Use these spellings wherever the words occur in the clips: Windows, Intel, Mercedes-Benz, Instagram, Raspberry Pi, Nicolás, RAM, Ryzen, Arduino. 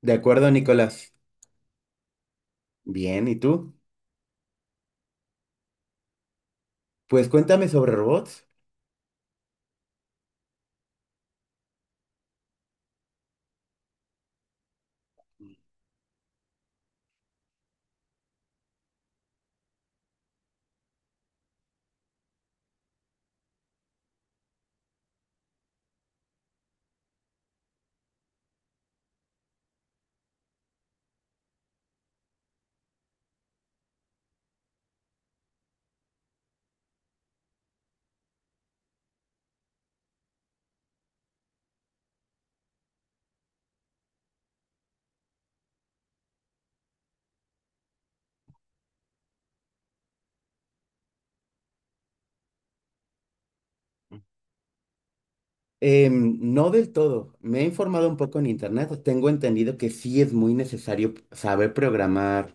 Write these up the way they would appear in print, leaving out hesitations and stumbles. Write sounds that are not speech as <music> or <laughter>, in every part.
De acuerdo, Nicolás. Bien, ¿y tú? Pues cuéntame sobre robots. No del todo. Me he informado un poco en internet. Tengo entendido que sí es muy necesario saber programar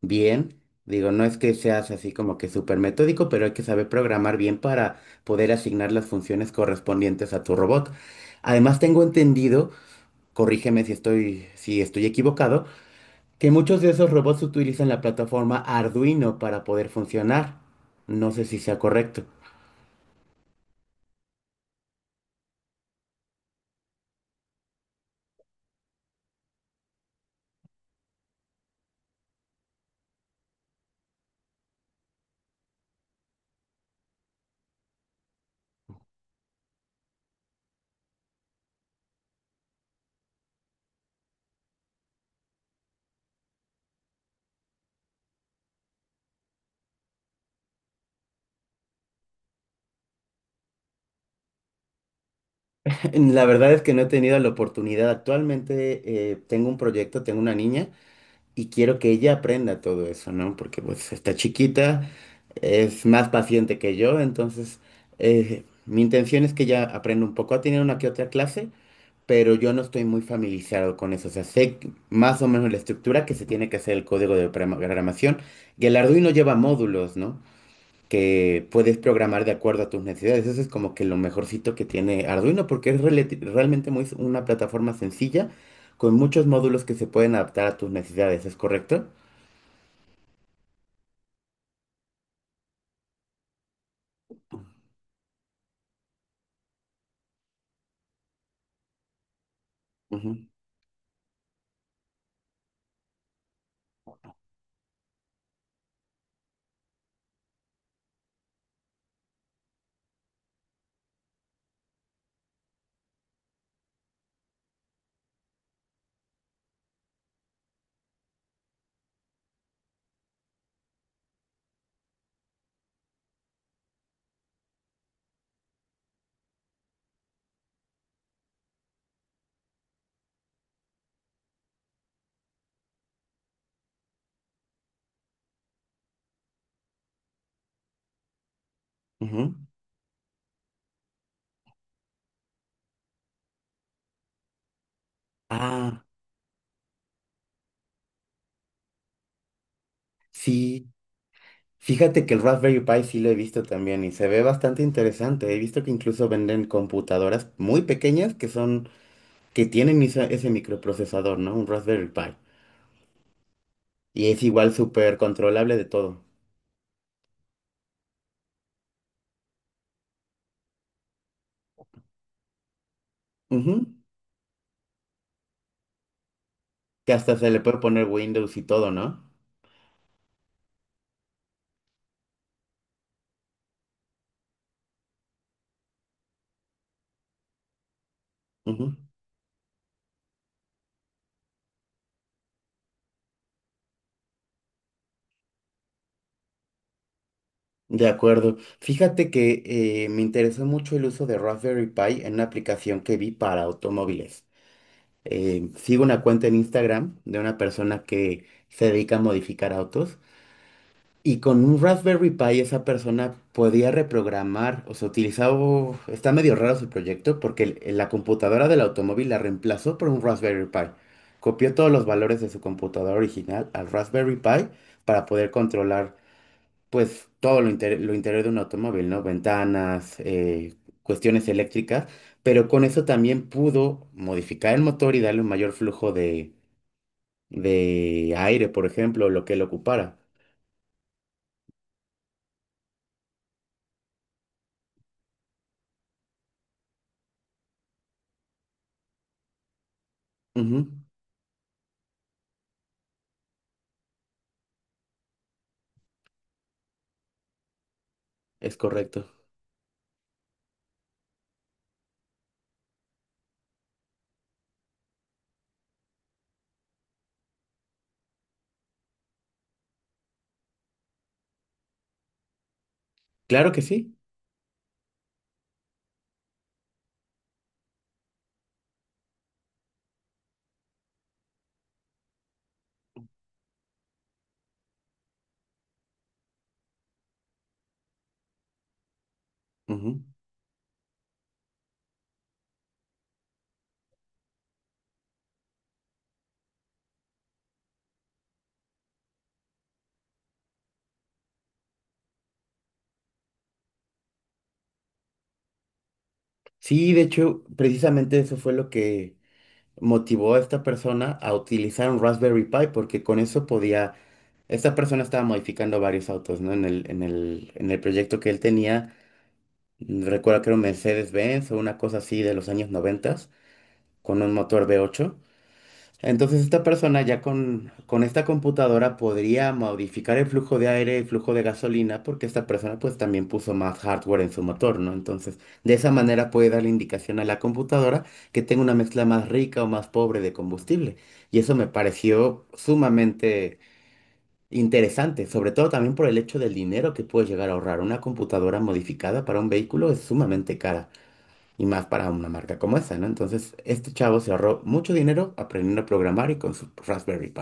bien. Digo, no es que seas así como que súper metódico, pero hay que saber programar bien para poder asignar las funciones correspondientes a tu robot. Además, tengo entendido, corrígeme si estoy equivocado, que muchos de esos robots utilizan la plataforma Arduino para poder funcionar. No sé si sea correcto. <laughs> La verdad es que no he tenido la oportunidad. Actualmente tengo un proyecto, tengo una niña y quiero que ella aprenda todo eso, ¿no? Porque pues está chiquita, es más paciente que yo, entonces mi intención es que ella aprenda un poco. Ha tenido una que otra clase, pero yo no estoy muy familiarizado con eso. O sea, sé más o menos la estructura que se tiene que hacer el código de programación y el Arduino lleva módulos, ¿no? Que puedes programar de acuerdo a tus necesidades. Eso es como que lo mejorcito que tiene Arduino, porque es realmente muy, una plataforma sencilla con muchos módulos que se pueden adaptar a tus necesidades, ¿es correcto? Ujú, ujú. Ah, sí. Fíjate que el Raspberry Pi sí lo he visto también y se ve bastante interesante. He visto que incluso venden computadoras muy pequeñas que son, que tienen ese microprocesador, ¿no? Un Raspberry Pi. Y es igual súper controlable de todo. Ujú. Que hasta se le puede poner Windows y todo, ¿no? Ujú. De acuerdo. Fíjate que me interesó mucho el uso de Raspberry Pi en una aplicación que vi para automóviles. Sigo una cuenta en Instagram de una persona que se dedica a modificar autos. Y con un Raspberry Pi esa persona podía reprogramar, o sea, utilizaba, está medio raro su proyecto porque la computadora del automóvil la reemplazó por un Raspberry Pi. Copió todos los valores de su computadora original al Raspberry Pi para poder controlar, pues, lo interior de un automóvil, ¿no? Ventanas, cuestiones eléctricas, pero con eso también pudo modificar el motor y darle un mayor flujo de aire, por ejemplo, lo que él ocupara. Ujú, es correcto. Claro que sí. Ujú. Sí, de hecho, precisamente eso fue lo que motivó a esta persona a utilizar un Raspberry Pi, porque con eso podía, esta persona estaba modificando varios autos, ¿no? En el proyecto que él tenía, mm, recuerdo que era un Mercedes-Benz o una cosa así de los años 90 con un motor V8. Entonces esta persona ya con esta computadora podría modificar el flujo de aire, el flujo de gasolina, porque esta persona pues también puso más hardware en su motor, ¿no? Entonces de esa manera puede darle indicación a la computadora que tenga una mezcla más rica o más pobre de combustible. Y eso me pareció sumamente interesante, sobre todo también por el hecho del dinero que puede llegar a ahorrar. Una computadora modificada para un vehículo es sumamente cara y más para una marca como esa, ¿no? Entonces, este chavo se ahorró mucho dinero aprendiendo a programar y con su Raspberry Pi.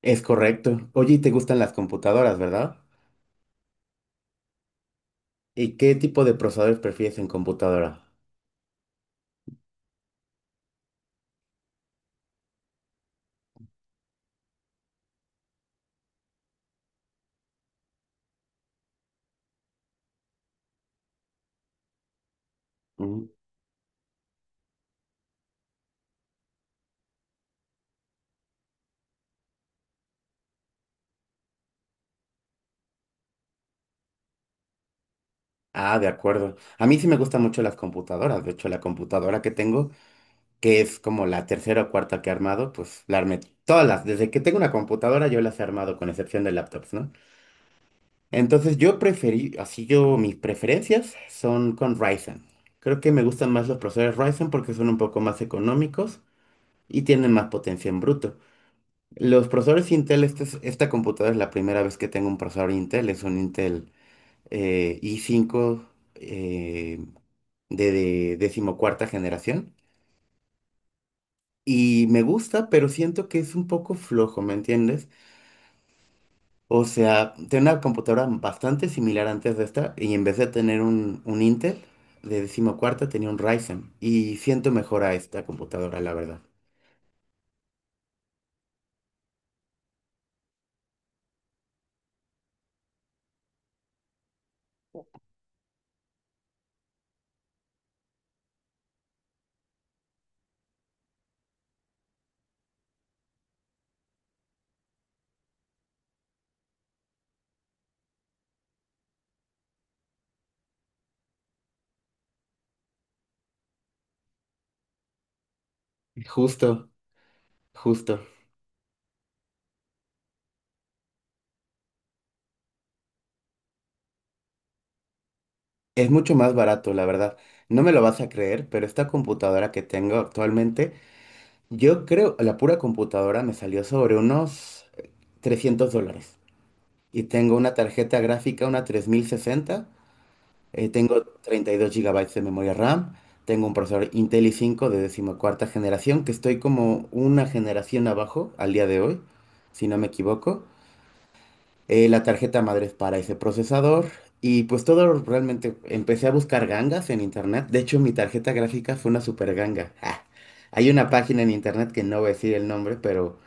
Es correcto. Oye, y te gustan las computadoras, ¿verdad? ¿Y qué tipo de procesadores prefieres en computadora? Mm. Ah, de acuerdo. A mí sí me gustan mucho las computadoras. De hecho, la computadora que tengo, que es como la tercera o cuarta que he armado, pues la armé todas las. Desde que tengo una computadora, yo las he armado, con excepción de laptops, ¿no? Entonces yo preferí, así yo, mis preferencias son con Ryzen. Creo que me gustan más los procesadores Ryzen porque son un poco más económicos y tienen más potencia en bruto. Los procesadores Intel, esta computadora es la primera vez que tengo un procesador Intel, es un Intel i5 eh, de decimocuarta generación. Y me gusta, pero siento que es un poco flojo, ¿me entiendes? O sea, tenía una computadora bastante similar antes de esta y en vez de tener un Intel de decimocuarta tenía un Ryzen y siento mejor a esta computadora, la verdad. Justo, justo. Es mucho más barato, la verdad. No me lo vas a creer, pero esta computadora que tengo actualmente, yo creo, la pura computadora me salió sobre unos $300. Y tengo una tarjeta gráfica, una 3060. Tengo 32 gigabytes de memoria RAM, tengo un procesador Intel i5 de decimocuarta generación, que estoy como una generación abajo al día de hoy, si no me equivoco. La tarjeta madre es para ese procesador y pues todo realmente empecé a buscar gangas en internet. De hecho, mi tarjeta gráfica fue una super ganga. Ah, hay una página en internet que no voy a decir el nombre, pero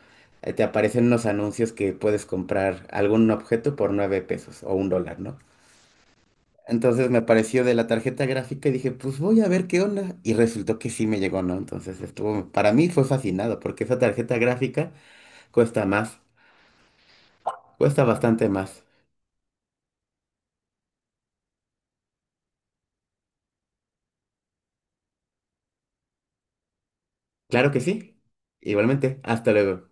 te aparecen unos anuncios que puedes comprar algún objeto por 9 pesos o un dólar, ¿no? Entonces me apareció de la tarjeta gráfica y dije, pues voy a ver qué onda. Y resultó que sí me llegó, ¿no? Entonces estuvo, para mí fue fascinado porque esa tarjeta gráfica cuesta más, cuesta bastante más. Claro que sí. Igualmente, hasta luego.